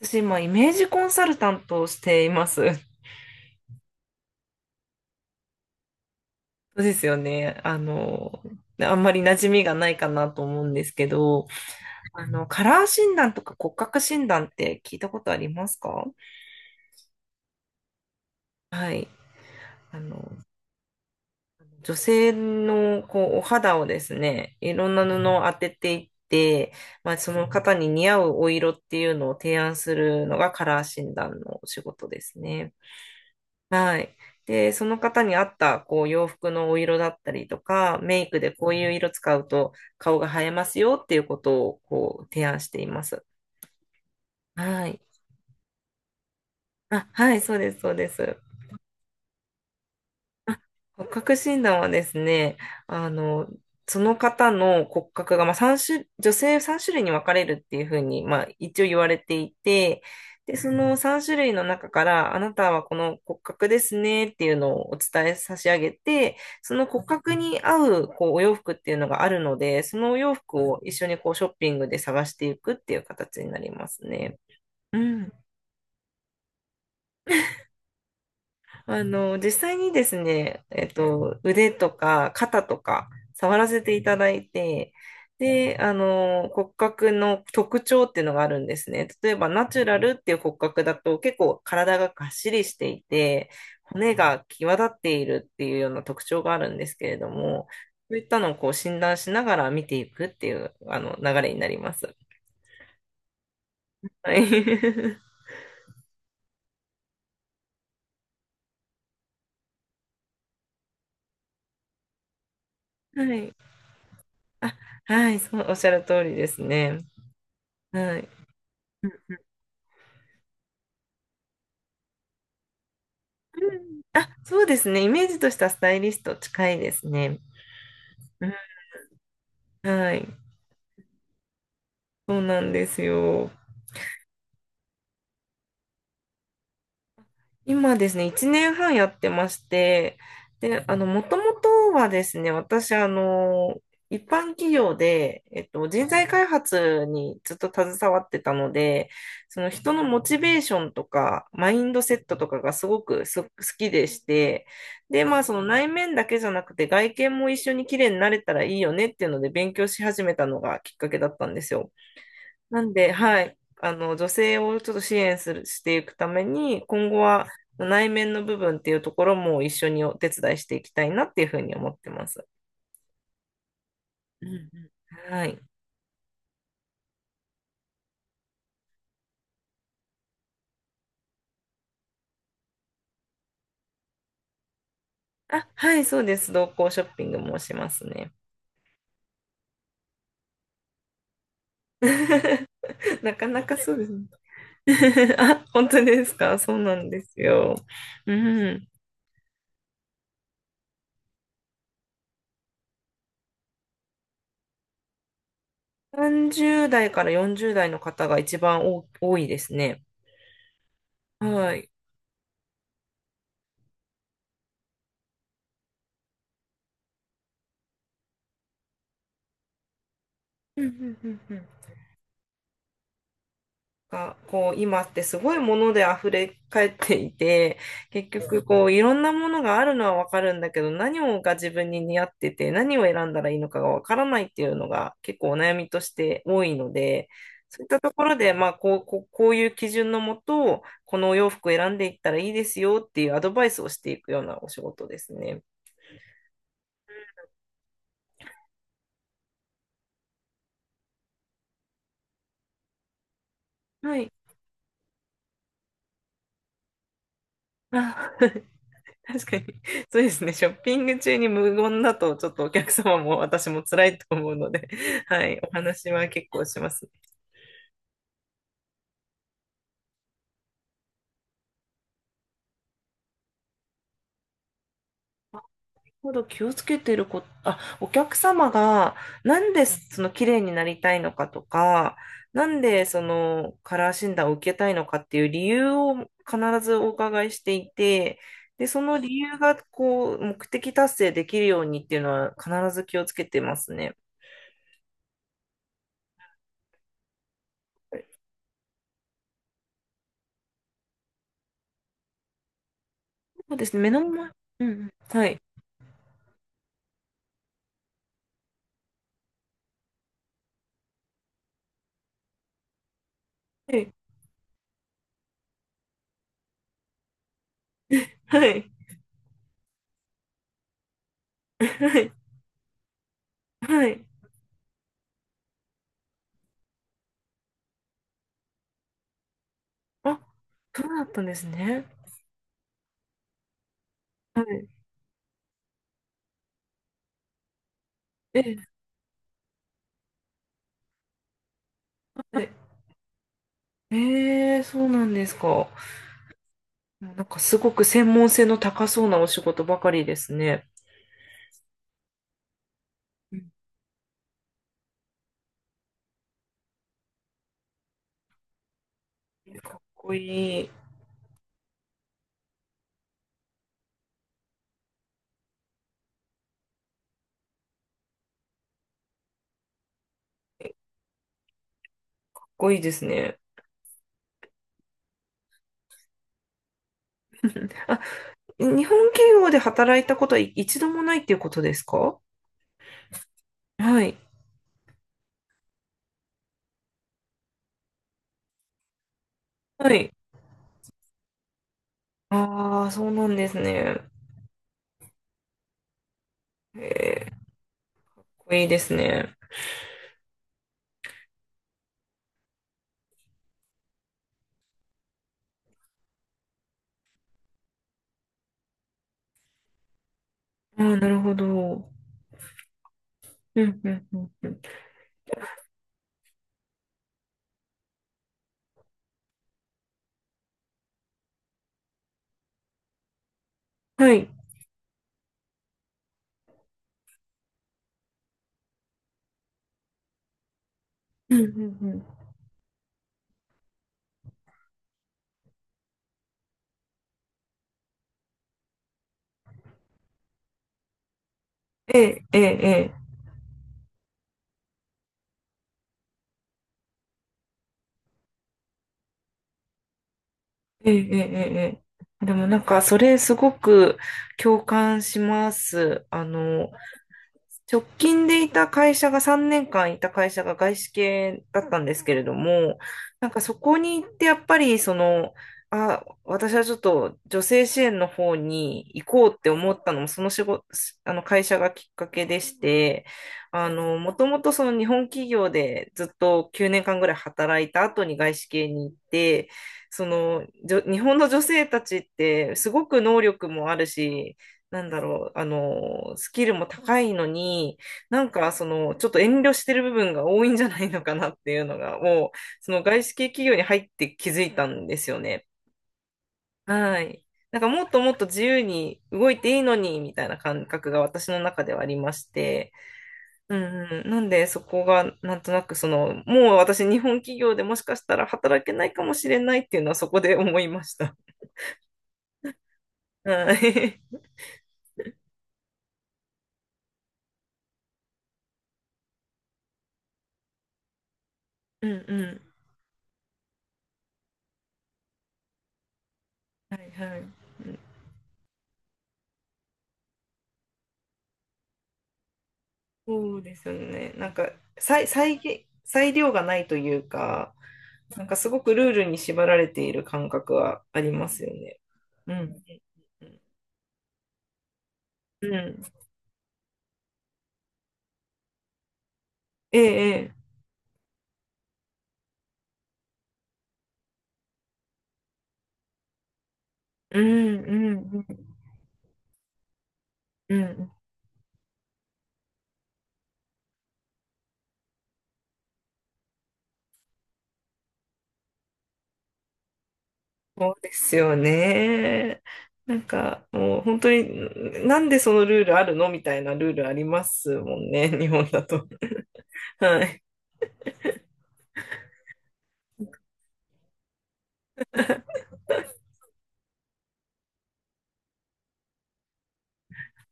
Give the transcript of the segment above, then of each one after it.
私今、イメージコンサルタントをしています。そうですよね。あんまり馴染みがないかなと思うんですけど、カラー診断とか骨格診断って聞いたことありますか？はい。あの、女性のこうお肌をですね、いろんな布を当てていって、まあ、その方に似合うお色っていうのを提案するのがカラー診断のお仕事ですね。はい。で、その方に合った、こう、洋服のお色だったりとか、メイクでこういう色使うと顔が映えますよっていうことを、こう、提案しています。はい。あ、はい、そうです、そうです。あ、骨格診断はですね、あの、その方の骨格が、まあ、3種、女性3種類に分かれるっていうふうに、まあ、一応言われていて、で、その3種類の中から、あなたはこの骨格ですねっていうのをお伝え差し上げて、その骨格に合う、こう、お洋服っていうのがあるので、そのお洋服を一緒にこう、ショッピングで探していくっていう形になりますね。うん。実際にですね、腕とか肩とか触らせていただいて、で、骨格の特徴っていうのがあるんですね。例えば、ナチュラルっていう骨格だと結構体ががっしりしていて、骨が際立っているっていうような特徴があるんですけれども、そういったのをこう診断しながら見ていくっていう、流れになります。はい。はい。あ、はい、そう、おっしゃる通りですね。はい。うん。あ、そうですね。イメージとしたスタイリスト近いですね。うん。はい。そうなんですよ。今ですね、1年半やってまして、で、もともとはですね、私、一般企業で、人材開発にずっと携わってたので、その人のモチベーションとか、マインドセットとかがすごく好きでして、で、まあ、その内面だけじゃなくて、外見も一緒に綺麗になれたらいいよねっていうので、勉強し始めたのがきっかけだったんですよ。なんで、はい、女性をちょっと支援する、していくために、今後は内面の部分っていうところも一緒にお手伝いしていきたいなっていうふうに思ってます。うん、うん。はい。あ、はい、そうです。同行ショッピングもしますね。なかなかそうですね。あ、本当ですか。そうなんですよ。うん。30代から40代の方が一番多いですね。はい。うん、うん、うん、うん。が、こう、今ってすごいもので溢れ返っていて、結局、こう、いろんなものがあるのはわかるんだけど、何をが自分に似合ってて、何を選んだらいいのかがわからないっていうのが結構お悩みとして多いので、そういったところで、まあ、こういう基準のもと、このお洋服を選んでいったらいいですよっていうアドバイスをしていくようなお仕事ですね。はい。あ 確かに、そうですね。ショッピング中に無言だと、ちょっとお客様も私も辛いと思うので、はい、お話は結構します。ほど気をつけてること、あ、お客様が、なんでその綺麗になりたいのかとか、なんでそのカラー診断を受けたいのかっていう理由を必ずお伺いしていて、で、その理由がこう、目的達成できるようにっていうのは必ず気をつけてますね。そうですね。目の前、うん、うん、はい。はい。はい。はい、はい。あ、そうだったんですね。はい。え、はい。そうなんですか。なんかすごく専門性の高そうなお仕事ばかりですね。うん。かっこいい。かっこいいですね。あ、日本企業で働いたことは一度もないっていうことですか？はい。はい。ああ、そうなんですね。かっこいいですね。ああ、なるほど。うん、うん、うん、うん。はい。うん、うん、うん。ええ、ええ、えええ、ええ、ええ。でもなんか、それすごく共感します。直近でいた会社が3年間いた会社が外資系だったんですけれども、なんかそこに行ってやっぱりその、あ、私はちょっと女性支援の方に行こうって思ったのもその仕事、あの会社がきっかけでして、もともとその日本企業でずっと9年間ぐらい働いた後に外資系に行って、その、日本の女性たちってすごく能力もあるし、なんだろう、スキルも高いのに、なんかその、ちょっと遠慮してる部分が多いんじゃないのかなっていうのが、もう、その外資系企業に入って気づいたんですよね。はい。なんかもっともっと自由に動いていいのに、みたいな感覚が私の中ではありまして、うん、うん、なんでそこがなんとなくその、もう私日本企業でもしかしたら働けないかもしれないっていうのはそこで思いました。はい。うん、うん。はい、はい。そうですよね。なんか、裁量がないというか、なんかすごくルールに縛られている感覚はありますよね。うん。うん。ええ、ええ。うん、うん、うん。うん。そうですよね。なんか、もう本当に、なんでそのルールあるのみたいなルールありますもんね、日本だと。はい。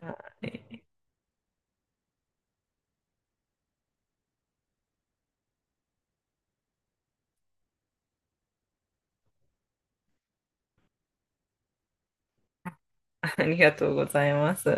はい。ありがとうございます。